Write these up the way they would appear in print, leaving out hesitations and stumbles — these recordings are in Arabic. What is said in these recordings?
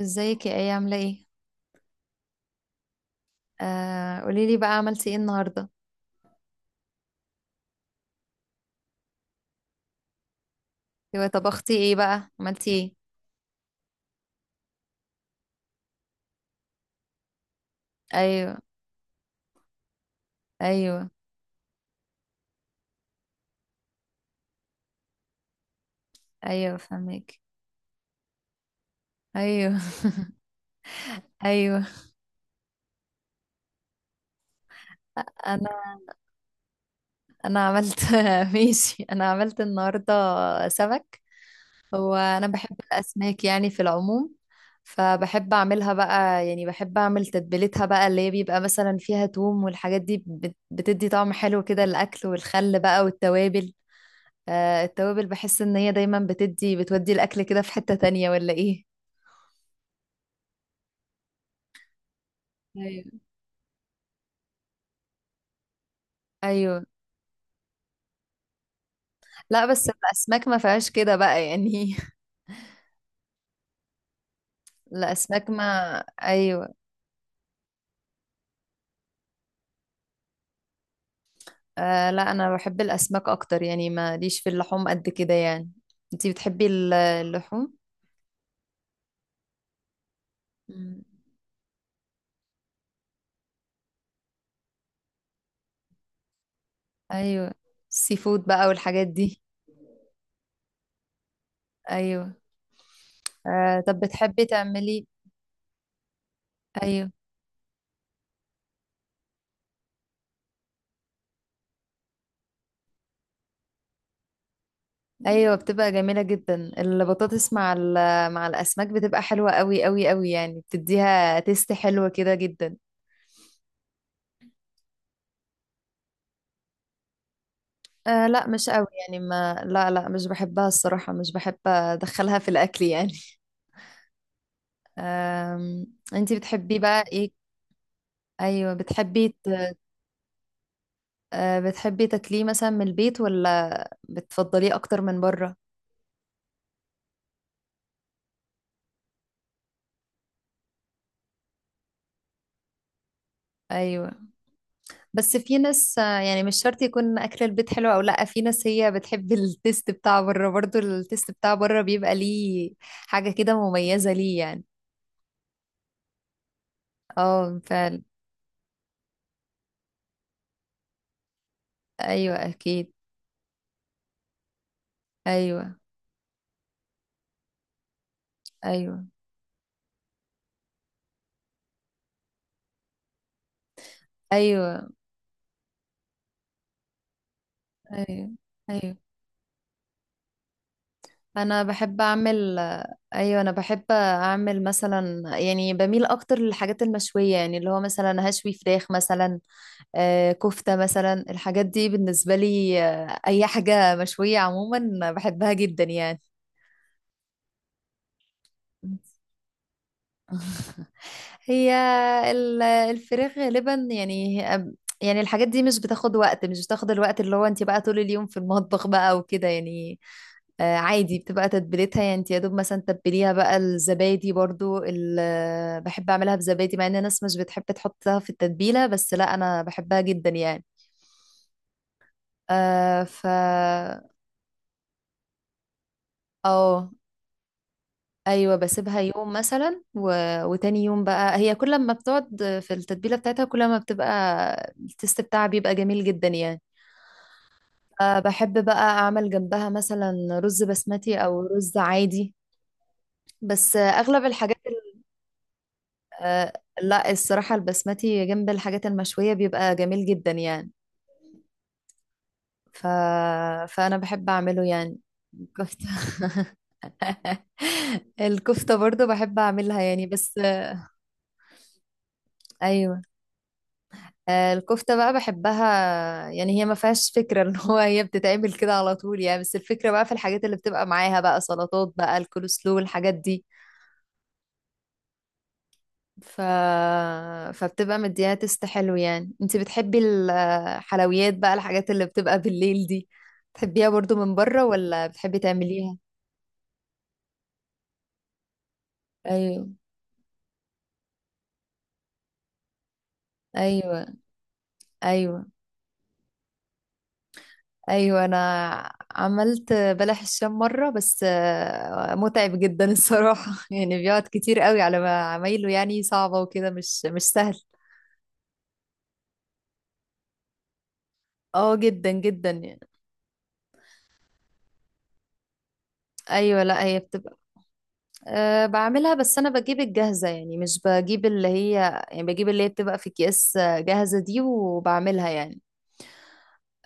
ازيك؟ يا، ايه عامله ايه؟ قولي لي بقى، عملتي ايه النهارده؟ ايوه، طبختي ايه بقى؟ عملتي ايه؟ ايوه، ايوه. ايوه، فهمك. ايوه. ايوه. انا انا عملت. ماشي، انا عملت النهارده سمك. هو انا بحب الاسماك يعني في العموم، فبحب اعملها بقى يعني. بحب اعمل تتبيلتها بقى، اللي هي بيبقى مثلا فيها توم والحاجات دي بتدي طعم حلو كده الاكل، والخل بقى والتوابل. التوابل بحس ان هي دايما بتودي الاكل كده في حتة تانية ولا ايه؟ ايوه. ايوه. لا، بس الاسماك ما فيهاش كده بقى يعني. الاسماك ما، ايوه. آه، لا، انا بحب الاسماك اكتر يعني، ما ليش في اللحوم قد كده يعني. انتي بتحبي اللحوم؟ مم. ايوه. السي فود بقى والحاجات دي. ايوه. طب بتحبي تعملي؟ ايوه. ايوه، بتبقى جميله جدا البطاطس مع الاسماك، بتبقى حلوه قوي قوي قوي يعني، بتديها تيست حلوه كده جدا. لا مش قوي يعني، ما لا، لا، مش بحبها الصراحه، مش بحب ادخلها في الاكل يعني. آم... انتي بتحبي بقى ايه؟ ايوه. بتحبي ت... آه بتحبي تاكليه مثلا من البيت ولا بتفضليه اكتر من بره؟ ايوه، بس في ناس، يعني مش شرط يكون اكل البيت حلو او لا، في ناس هي بتحب التيست بتاع بره، برضو التيست بتاع بره بيبقى ليه حاجة كده مميزة ليه يعني. اه، فعلا. ايوه، اكيد. ايوه، ايوه، ايوه، ايوه، ايوه، انا بحب اعمل. ايوه، انا بحب اعمل مثلا يعني، بميل اكتر للحاجات المشويه يعني، اللي هو مثلا هشوي فراخ مثلا. كفتة مثلا، الحاجات دي بالنسبة لي، أي حاجة مشوية عموما بحبها جدا يعني. هي الفراخ غالبا يعني، يعني الحاجات دي مش بتاخد وقت، مش بتاخد الوقت اللي هو انت بقى طول اليوم في المطبخ بقى وكده يعني. عادي بتبقى تتبيلتها يعني، انت يا دوب مثلا تتبليها بقى. الزبادي برضو بحب اعملها بزبادي، مع ان الناس مش بتحب تحطها في التتبيلة، بس لا انا بحبها جدا يعني. آه ف اه. ايوه، بسيبها يوم مثلا وتاني يوم بقى هي، كل ما بتقعد في التتبيله بتاعتها كل ما بتبقى التست بتاعها بيبقى جميل جدا يعني. بحب بقى اعمل جنبها مثلا رز بسمتي او رز عادي. بس، اغلب الحاجات آه، لا الصراحه البسمتي جنب الحاجات المشويه بيبقى جميل جدا يعني. ف... فانا بحب اعمله يعني. الكفته. الكفته برضو بحب اعملها يعني، بس. ايوه. الكفتة بقى بحبها، يعني هي ما فيهاش فكرة ان هو هي بتتعمل كده على طول يعني، بس الفكرة بقى في الحاجات اللي بتبقى معاها بقى، سلطات بقى، الكولسلو، الحاجات دي. ف... فبتبقى مديها تست حلو يعني. انتي بتحبي الحلويات بقى، الحاجات اللي بتبقى بالليل دي، بتحبيها برضو من بره ولا بتحبي تعمليها؟ ايوه، ايوه، ايوه، ايوه. انا عملت بلح الشام مره، بس متعب جدا الصراحه. يعني بيقعد كتير قوي على ما عمايله يعني، صعبه وكده، مش سهل. اه، جدا جدا يعني. ايوه، لا هي بتبقى. أه، بعملها، بس انا بجيب الجاهزه يعني، مش بجيب اللي هي. يعني بجيب اللي هي بتبقى في اكياس، جاهزه دي وبعملها يعني.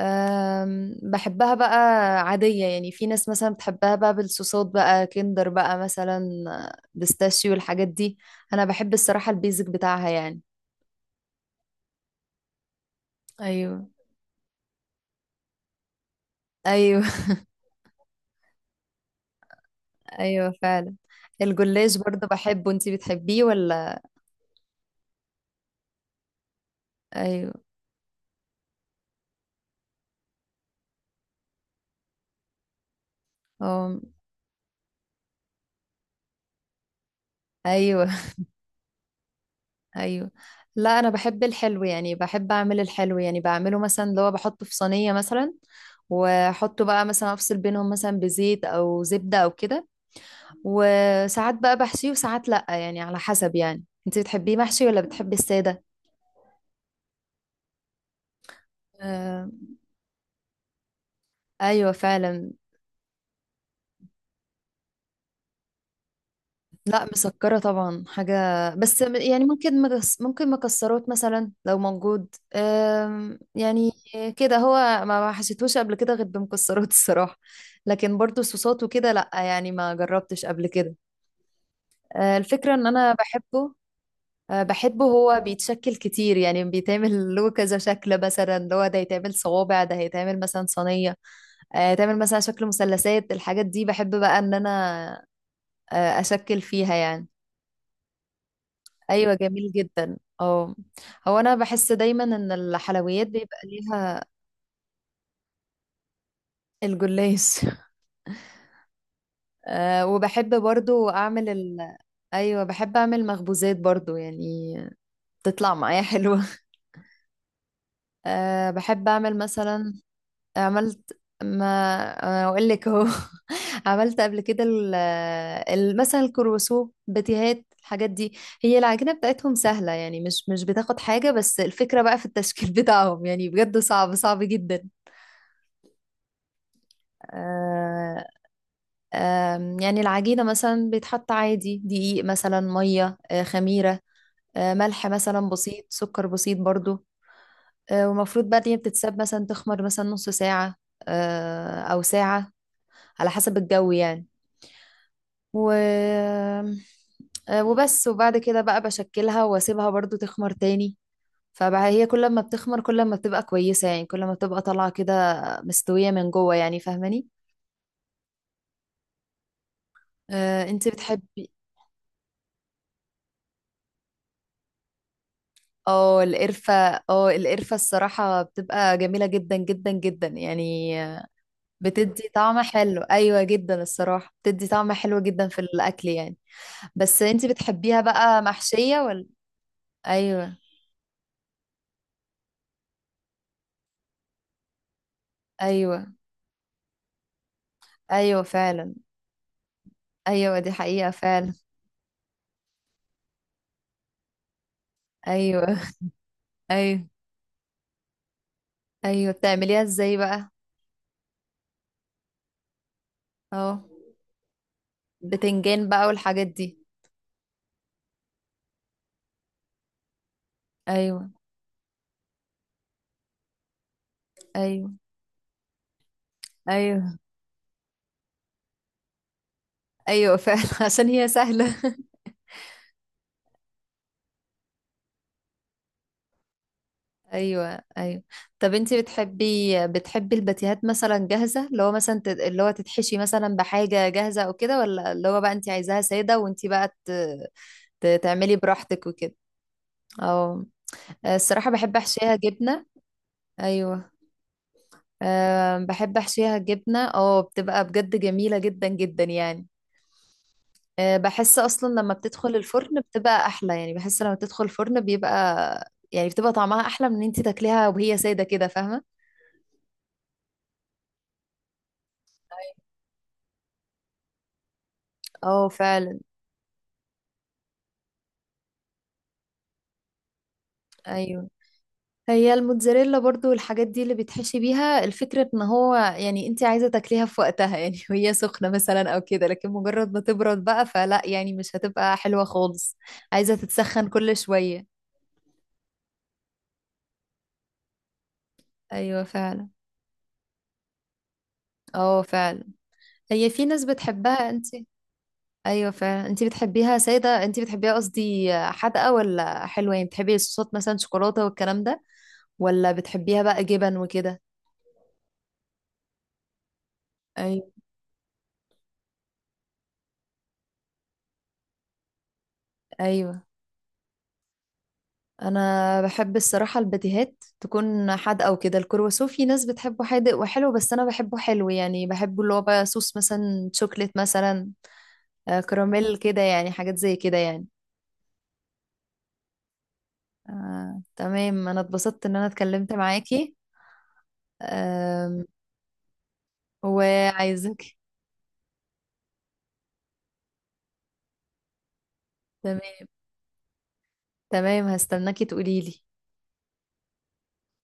بحبها بقى عادية يعني. في ناس مثلا بتحبها بقى بالصوصات بقى، كندر بقى مثلا، بيستاشيو، الحاجات دي. أنا بحب الصراحة البيزك بتاعها يعني. ايوه. أيوه. أيوه، فعلا. الجلاش برضه بحبه، انتي بتحبيه ولا؟ أيوه. أم، أيوه. أيوه. لا، أنا بحب الحلو يعني، بحب أعمل الحلو يعني، بعمله مثلا اللي هو بحطه في صينية مثلا، وأحطه بقى مثلا، أفصل بينهم مثلا بزيت أو زبدة أو كده. وساعات بقى بحشيه وساعات لأ، يعني على حسب. يعني انت بتحبيه محشي ولا بتحبي السادة؟ آه. ايوه، فعلا. لا، مسكرة طبعا حاجة، بس يعني ممكن مكسرات مثلا لو موجود، يعني. كده هو ما حشيتهوش قبل كده غير بمكسرات الصراحة. لكن برضو صوصات وكده لا يعني، ما جربتش قبل كده. الفكرة ان انا بحبه. بحبه، هو بيتشكل كتير يعني، بيتعمل له كذا شكل، مثلا اللي هو ده يتعمل صوابع، ده هيتعمل مثلا صينية، يتعمل مثلا شكل مثلثات، الحاجات دي بحب بقى ان انا اشكل فيها يعني. ايوه، جميل جدا. اه. هو انا بحس دايما ان الحلويات بيبقى ليها. الجلاش. وبحب برضو اعمل ايوه، بحب اعمل مخبوزات برضو يعني، تطلع معايا حلوة. بحب اعمل مثلا. عملت ما أنا اقول لك اهو. عملت قبل كده مثلا الكروسو، بتيهات، الحاجات دي. هي العجينة بتاعتهم سهلة يعني، مش بتاخد حاجة، بس الفكرة بقى في التشكيل بتاعهم يعني، بجد صعب صعب جدا. آه، آم، يعني العجينة مثلا بيتحط عادي دقيق، مثلا مية، خميرة، ملح مثلا بسيط، سكر بسيط برضو. ومفروض بقى إن هي بتتساب مثلا تخمر مثلا نص ساعة، أو ساعة، على حسب الجو يعني. و آه، وبس، وبعد كده بقى بشكلها واسيبها برضو تخمر تاني. فبقى هي كل ما بتخمر كل ما بتبقى كويسة يعني، كل ما بتبقى طالعة كده، مستوية من جوه يعني، فاهماني؟ انت بتحبي. اه، القرفة. اه، القرفة الصراحة بتبقى جميلة جدا جدا جدا يعني. بتدي طعم حلو، ايوه جدا الصراحة، بتدي طعم حلو جدا في الاكل يعني. بس انت بتحبيها بقى محشية ولا؟ ايوه. ايوه. ايوه، فعلا. ايوه، دي حقيقة فعلا. ايوه. ايوه. ايوه، بتعمليها ازاي بقى؟ اه، بتنجان بقى والحاجات دي. ايوه. ايوه. ايوه. ايوه، فعلا. عشان هي سهله. ايوه. ايوه. طب انتي بتحبي، بتحبي الباتيهات مثلا جاهزه، اللي هو مثلا اللي هو تتحشي مثلا بحاجه جاهزه او كده، ولا اللي هو بقى انتي عايزاها ساده وانتي بقى تعملي براحتك وكده؟ اه، الصراحه بحب احشيها جبنه. ايوه. أه، بحب احشيها جبنه. اه، بتبقى بجد جميله جدا جدا يعني. بحس اصلا لما بتدخل الفرن بتبقى احلى، يعني بحس لما بتدخل الفرن بيبقى، يعني بتبقى طعمها احلى من ان انت تاكليها وهي ساده كده، فاهمه؟ اه، فعلا. ايوه. هي الموتزاريلا برضو والحاجات دي اللي بيتحشي بيها، الفكرة ان هو يعني انت عايزة تاكليها في وقتها يعني، وهي سخنة مثلا او كده، لكن مجرد ما تبرد بقى فلا، يعني مش هتبقى حلوة خالص. عايزة تتسخن كل شوية. ايوه، فعلا. اه، فعلا. هي في ناس بتحبها. ايوه، فعلا. انتي بتحبيها ساده، انتي بتحبيها قصدي حادقه ولا حلوه؟ يعني بتحبي الصوصات مثلا، شوكولاته والكلام ده، ولا بتحبيها بقى جبن وكده؟ ايوه. ايوه. انا بحب الصراحه الباتيهات تكون حادقه وكده. الكرواسون في ناس بتحبه حادق وحلو، بس انا بحبه حلو يعني، بحبه اللي هو بقى صوص مثلا، شوكليت مثلا، كراميل كده يعني، حاجات زي كده يعني. تمام، انا اتبسطت ان انا اتكلمت معاكي. آم، وعايزك. تمام. تمام، هستناكي تقوليلي.